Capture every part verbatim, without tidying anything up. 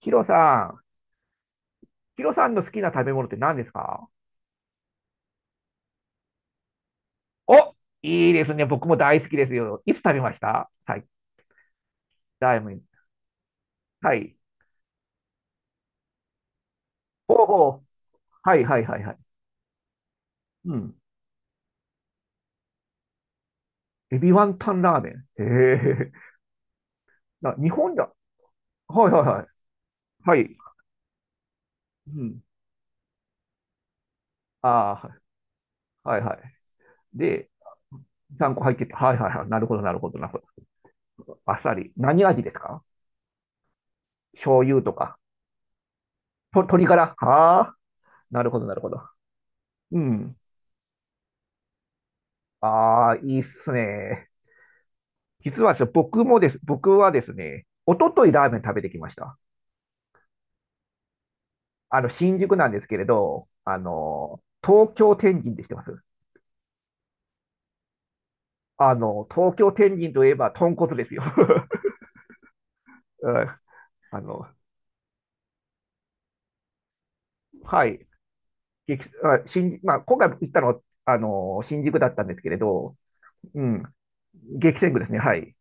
ヒロさん、ヒロさんの好きな食べ物って何ですか？お、いいですね。僕も大好きですよ。いつ食べました？最大前。はい。ほうほう。はいはいはいはい。うん。エビワンタンラーメン。へえ。な、日本だ。はいはいはい。はい。うん。ああ、はいはいはい。で、さんこ入ってて。はいはいはい。なるほどなるほどなるほど。あっさり。何味ですか？醤油とか。と、鶏ガラ。はあ。なるほどなるほど。うん。ああ、いいっすね。実はですね僕もです、僕はですね、おとといラーメン食べてきました。あの、新宿なんですけれど、あの、東京天神って知ってます？あの、東京天神といえば豚骨ですよ。うん。あの、はい。激あ新宿、まあ、今回行ったのは、あの、新宿だったんですけれど、うん、激戦区ですね。はい。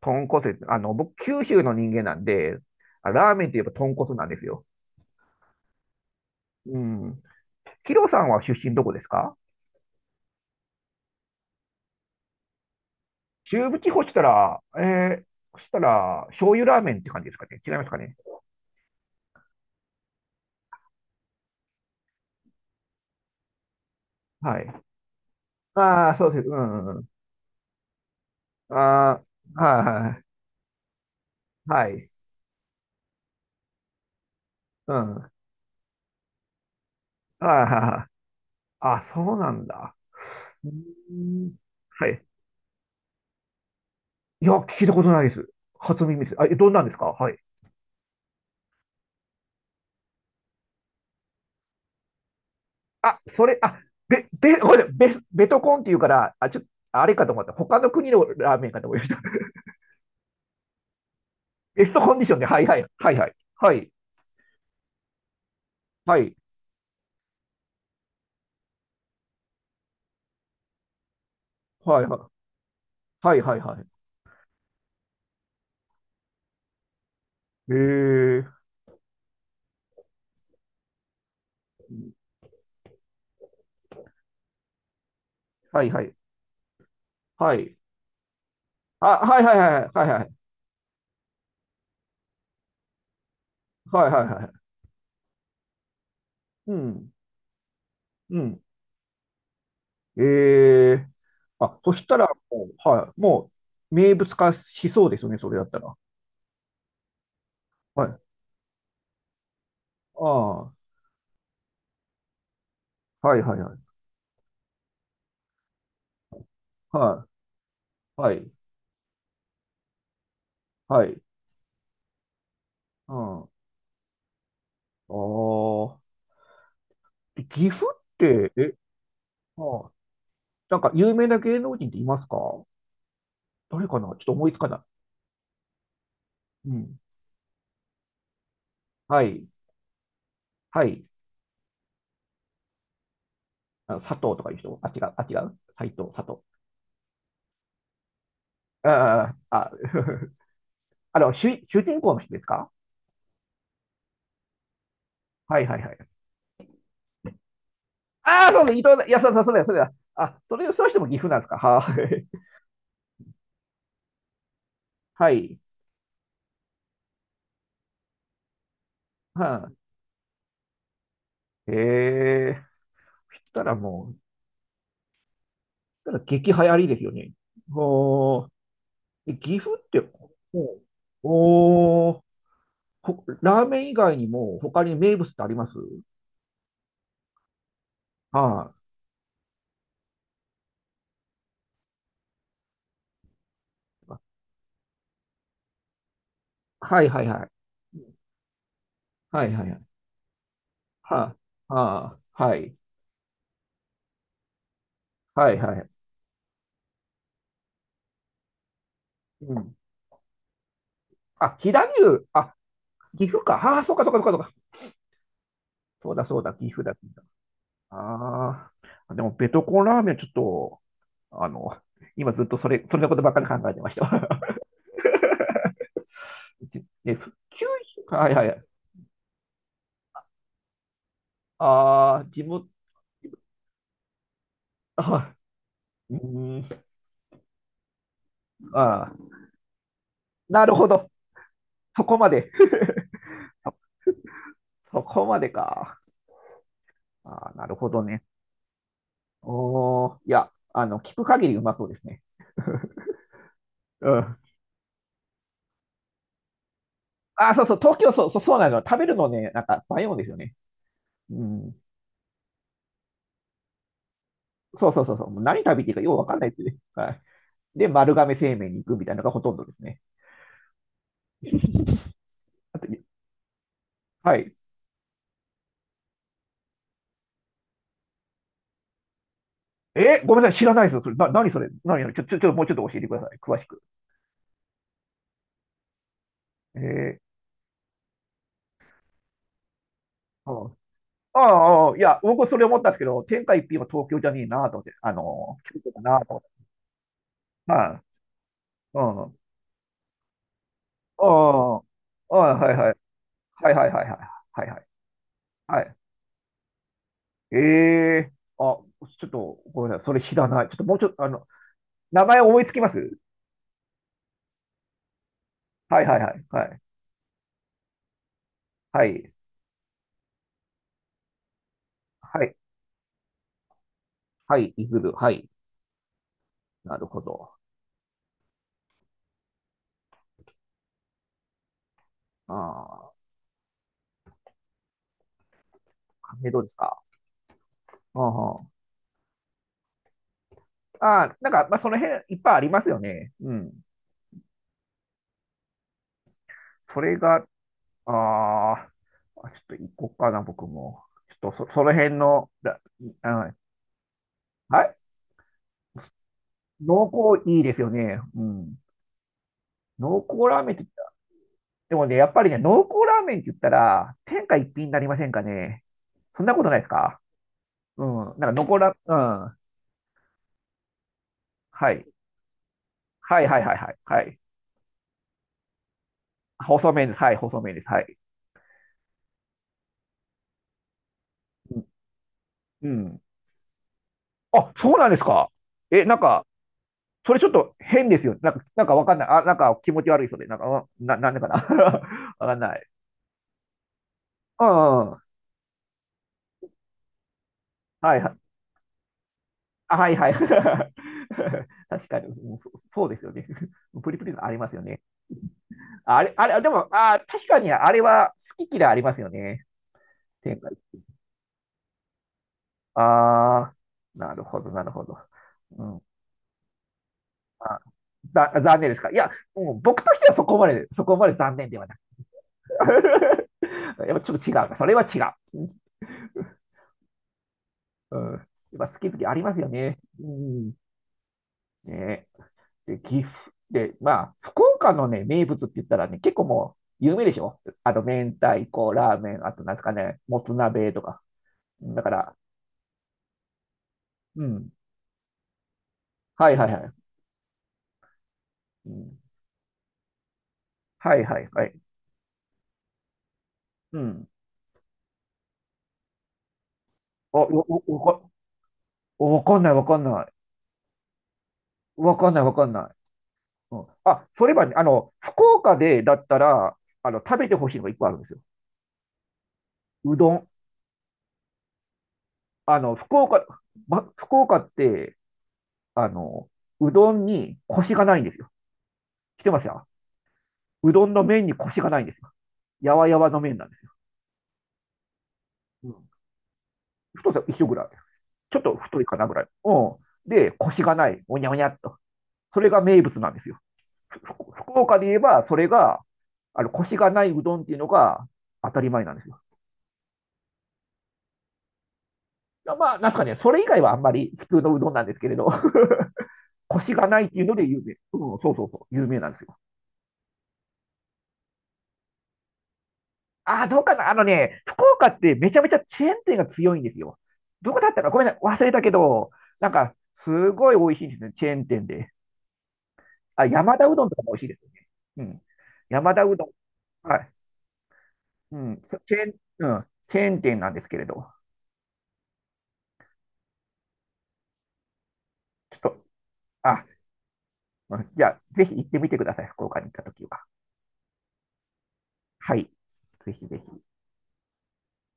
豚骨です。あの、僕、九州の人間なんで、あ、ラーメンといえば豚骨なんですよ。うん。ヒロさんは出身どこですか？中部地方したら、えー、そしたら、醤油ラーメンって感じですかね。違いますかね。はい。ああ、そうです。うんうんうん。ああ、はいはい。はい。うん。はいはいはい。あ、そうなんだ。うーん。はい。いや、聞いたことないです。初耳です。あ、え、どんなんですか？はい。あ、それ、あ、べ、べ、ごめんなさい。ベス、ベトコンっていうから、あ、ちょっと、あれかと思った。他の国のラーメンかと思いました。ベストコンディションで、はいはい、はいはい。はい、はい、はい、はい、はい、はい。へえ、はいはい。はい。あ、はいはいはいはいはいはい。はいはいはい。うん。うん。ええ、あ、そしたらもう、はい。もう、名物化しそうですよね、それだったら。はい。ああ、はいはいはい。はい。はい。はい。うん。ああ。で、岐阜って、え、ああ、なんか有名な芸能人っていますか？誰かなちょっと思いつかない。うん。はい。はい。あの佐藤とかいう人。あ、違う。あ、違う。斎藤、佐藤。あ、あ、あ。 あの、主、主人公の人ですか？はいはいはい。ああ、そうだ、伊藤だ。いや、そうだ、そうだ、そうだ。あ、それ、そうしても岐阜なんですか？はい。はい。はあ、ええ、そしたらもう、そしたら激流行りですよね。おー、え、岐阜って、おー、おー、ほ、ラーメン以外にも他に名物ってあります？はい、はいはいはい。はいはいはい。はあ、はあ、はい。はいはい。うん。あ、飛騨牛。あ、岐阜か。ああ、そうかそうかそうかそうか。そうだそうだ、岐阜だ、岐阜だ。ああ、でもベトコンラーメンちょっと、あの、今ずっとそれ、それのことばっかり考えてました。じね、ふ九州、はいはい。ああ、地元、あ、うーん、ああ、なるほど。そこまで。そこまでか。ああ、なるほどね。おー、いや、あの、聞く限りうまそうですね。うん。あ、そうそう、東京、そう、そう、そうなの。食べるのね、なんか、迷うんですよね。うん。そうそうそう、そう。もう何食べていいかようわかんないってね。はい。で、丸亀製麺に行くみたいなのがほとんどですね。あと、はい。え、ごめんなさい、知らないですよ。それ、な、何それ、何、何、ちょ、ちょ、ちょ、もうちょっと教えてください。詳しく。えー、うん。ああ、ああ、いや、僕それ思ったんですけど、天下一品は東京じゃねえなと思って、あのー、京都だなと思って。はい。うん。ああ、ああ、はいはい。はいはいはいはい。はいはい。はい。ええ、あ、ちょっと、ごめんなさい。それ知らない。ちょっともうちょっと、あの、名前思いつきます？はいはいはい。はい。はい。はい。はい。いずる。はい。なるほど。ああ、関係どうですか。ああ、ああ、なんか、まあ、その辺いっぱいありますよね。うん。それが、ああ、ちょっと行こうかな、僕も。ちょっとそ、その辺の、だ、あの、はい。濃厚いいですよね。うん。濃厚ラーメンって言ったら、でもね、やっぱりね、濃厚ラーメンって言ったら、天下一品になりませんかね。そんなことないですか？うん。なんか、残ら、うん。はい。はいはいはいはい。はい。細麺です。はい、細麺です。はい。うん。うん、あ、そうなんですか。え、なんか、それちょっと変ですよ。なんか、なんかわかんない。あ、なんか気持ち悪いそれ。なんか、んな、なんでかな。わかんない。うんうん、はいはい。あ、はいはい。確かに、もうそ、そうですよね。プリプリのありますよね。あ、あれ、あれ、でも、あ、確かにあれは好き嫌いありますよね。展開。ああ、なるほど、なるほど。うん。あ、ざ、残念ですか。いや、もう僕としてはそこまで、そこまで残念ではなく。やっぱちょっと違うな。それは違う。うん。やっぱ好き好きありますよね。うん。ね。で、岐阜。で、まあ、福岡のね、名物って言ったらね、結構もう有名でしょ？あと、明太子、ラーメン、あと、なんですかね、もつ鍋とか。だから、うん。はいはいはい。うん、はいはいはい。うん。あ、わ、わ、わわかんないわかんない。わかんないわかんない。うん。あ、それはね、あの、福岡でだったら、あの、食べてほしいのが一個あるんですよ。うどん。あの、福岡、ま、福岡って、あの、うどんにコシがないんですよ。来てますよ。うどんの麺にコシがないんですよ。やわやわの麺なんですよ。うん、太さ一緒ぐらい。ちょっと太いかなぐらい。うん。で、コシがない。おにゃおにゃっと。それが名物なんですよ。福岡で言えば、それが、あの、コシがないうどんっていうのが当たり前なんですよ。まあ、なんすかね、それ以外はあんまり普通のうどんなんですけれど、コシがないっていうので有名。うん、そうそうそう、有名なんですよ。ああ、どうかな、あのね、福岡ってめちゃめちゃチェーン店が強いんですよ。どこだったかごめんなさい、忘れたけど、なんか、すごい美味しいんですね、チェーン店で。あ、山田うどんとかも美味しいですよね。うん。山田うどん。はい。うん。そ、チェーン、うん。チェーン店なんですけれど。ちょっと、あ、うん、じゃあ、ぜひ行ってみてください、福岡に行ったときは。はい。ぜひぜひ。